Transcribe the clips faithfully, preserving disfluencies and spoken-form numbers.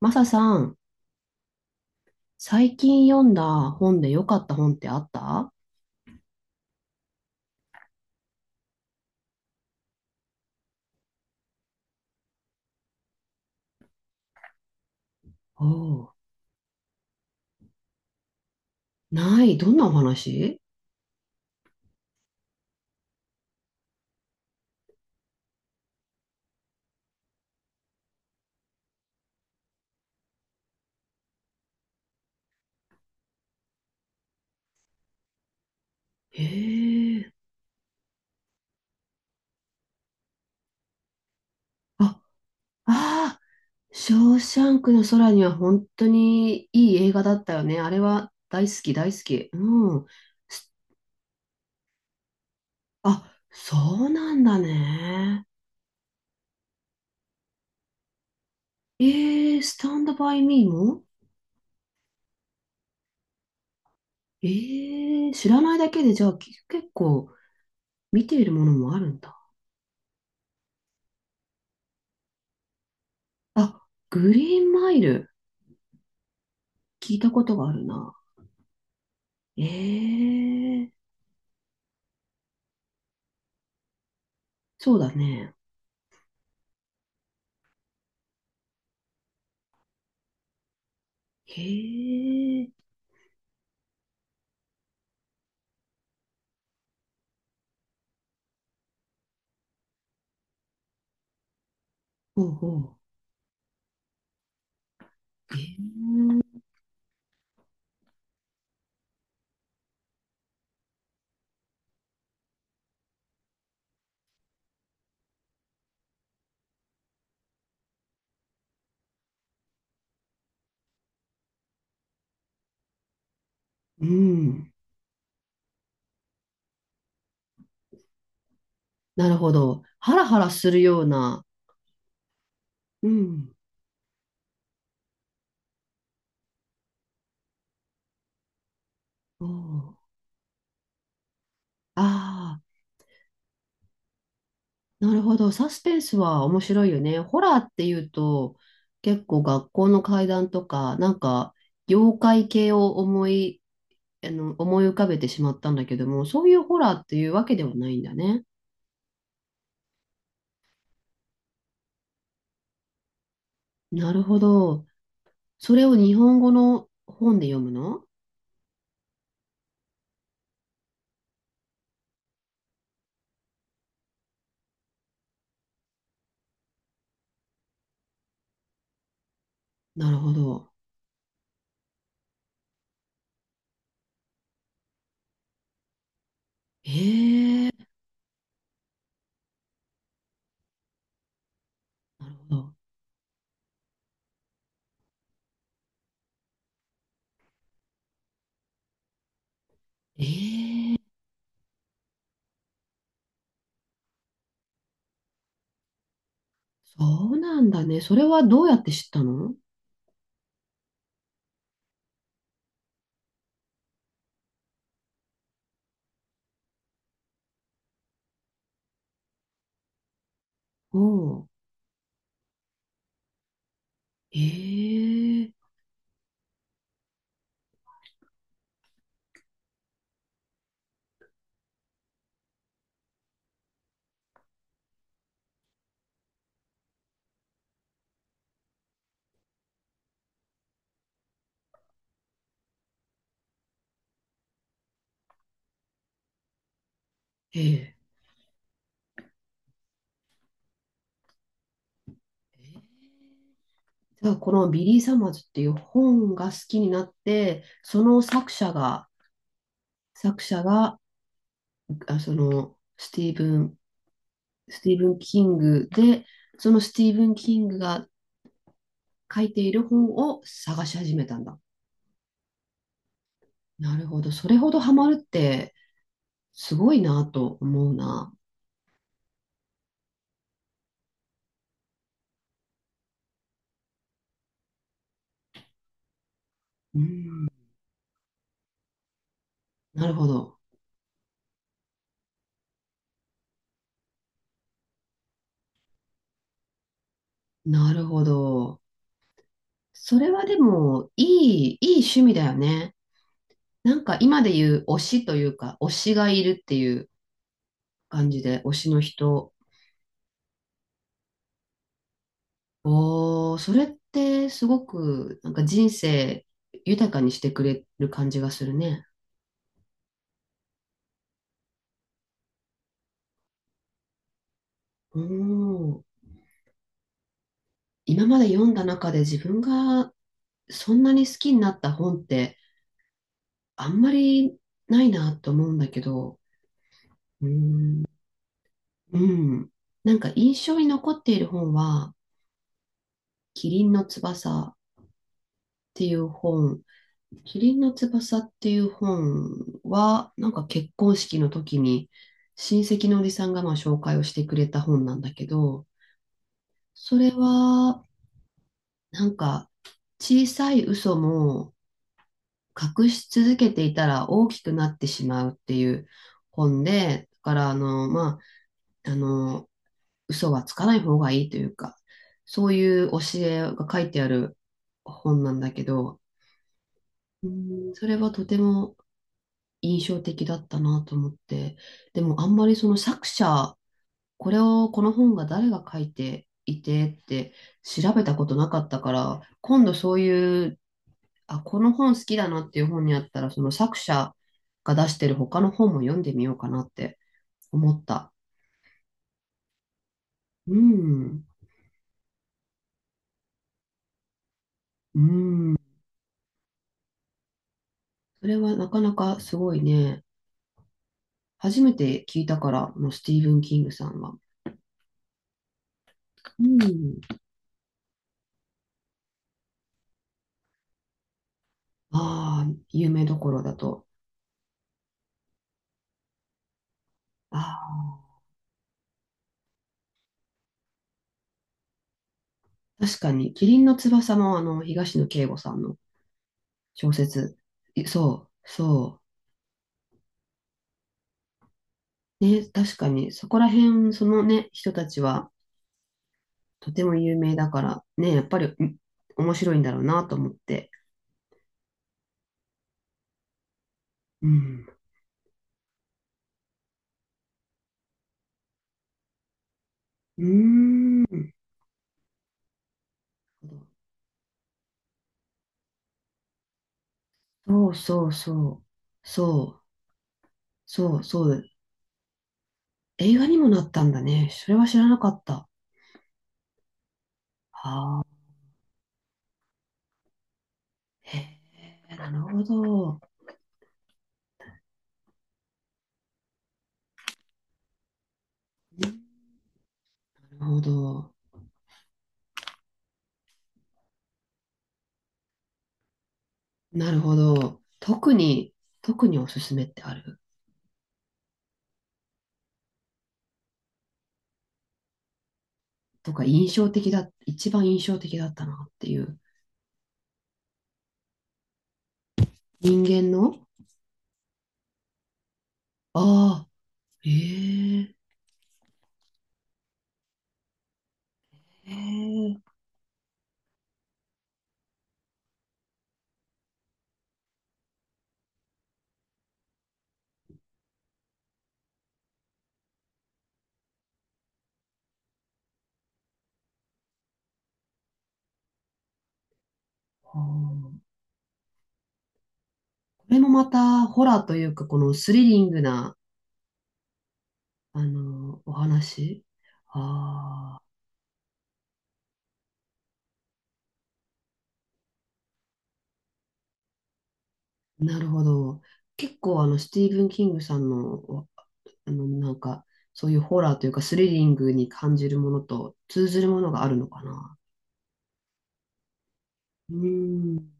マサさん、最近読んだ本で良かった本ってあった？おう。ない。どんなお話？へえ。あ、ああ、ショーシャンクの空には本当にいい映画だったよね。あれは大好き、大好き。うん。すあ、そうなんだね。ええ、スタンドバイミーも。ええ、知らないだけでじゃあき結構見ているものもあるんだ。あ、グリーンマイル。聞いたことがあるな。ええ。そうだね。へえ、ほうほう。えうん。なるほど。ハラハラするような。うん。おう。ああ、なるほど。サスペンスは面白いよね。ホラーっていうと、結構学校の怪談とか、なんか、妖怪系を思い、あの、思い浮かべてしまったんだけども、そういうホラーっていうわけではないんだね。なるほど。それを日本語の本で読むの？なるほど。ええ。なるほど。ええ。そうなんだね。それはどうやって知ったの？おう。ええ。ええ。じゃあ、このビリー・サマーズっていう本が好きになって、その作者が、作者が、あ、その、スティーブン、スティーブン・キングで、そのスティーブン・キングが書いている本を探し始めたんだ。なるほど。それほどハマるって、すごいなと思うな。うん、なるほど。なるほど。それはでも、いい、いい趣味だよね。なんか今で言う推しというか、推しがいるっていう感じで、推しの人。おー、それってすごく、なんか人生豊かにしてくれる感じがするね。おー、今まで読んだ中で自分がそんなに好きになった本ってあんまりないなと思うんだけど、うん、うん。なんか印象に残っている本は、キリンの翼、っていう本、麒麟の翼っていう本は、なんか結婚式の時に親戚のおじさんがまあ紹介をしてくれた本なんだけど、それは、なんか小さい嘘も隠し続けていたら大きくなってしまうっていう本で、だからあの、まあ、あの、嘘はつかない方がいいというか、そういう教えが書いてある本なんだけど、うん、それはとても印象的だったなと思って、でもあんまりその作者、これを、この本が誰が書いていてって調べたことなかったから、今度そういう、あ、この本好きだなっていう本にあったら、その作者が出してる他の本も読んでみようかなって思った。うん、うん。それはなかなかすごいね。初めて聞いたから、もうスティーブン・キングさんは。うん。ああ、有名どころだと。ああ。確かに、キリンの翼もあの、東野圭吾さんの小説。いそう、そう。ね、確かに、そこら辺、そのね、人たちはとても有名だから、ね、やっぱり、ん面白いんだろうなと思って。うん。うーん。そうそうそう。そう、そう、そう。映画にもなったんだね。それは知らなかった。はあ。へえ、なるほど。なるほど。なるほど。特に、特におすすめってある？とか、印象的だ、一番印象的だったなっていう。人間の。ああー、ええ。へえ、これもまた、ホラーというか、このスリリングな、あの、お話。ああ、なるほど。結構、あの、スティーブン・キングさんの、あの、なんか、そういうホラーというか、スリリングに感じるものと通ずるものがあるのかな。うーん、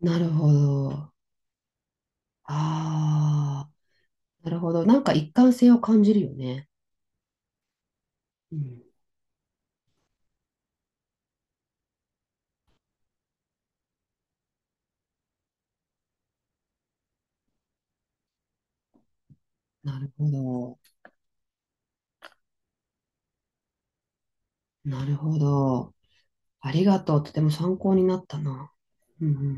なるほど。ああ、なるほど。なんか一貫性を感じるよね。うん。なるほど。なるほど。ありがとう。とても参考になったな。うんうん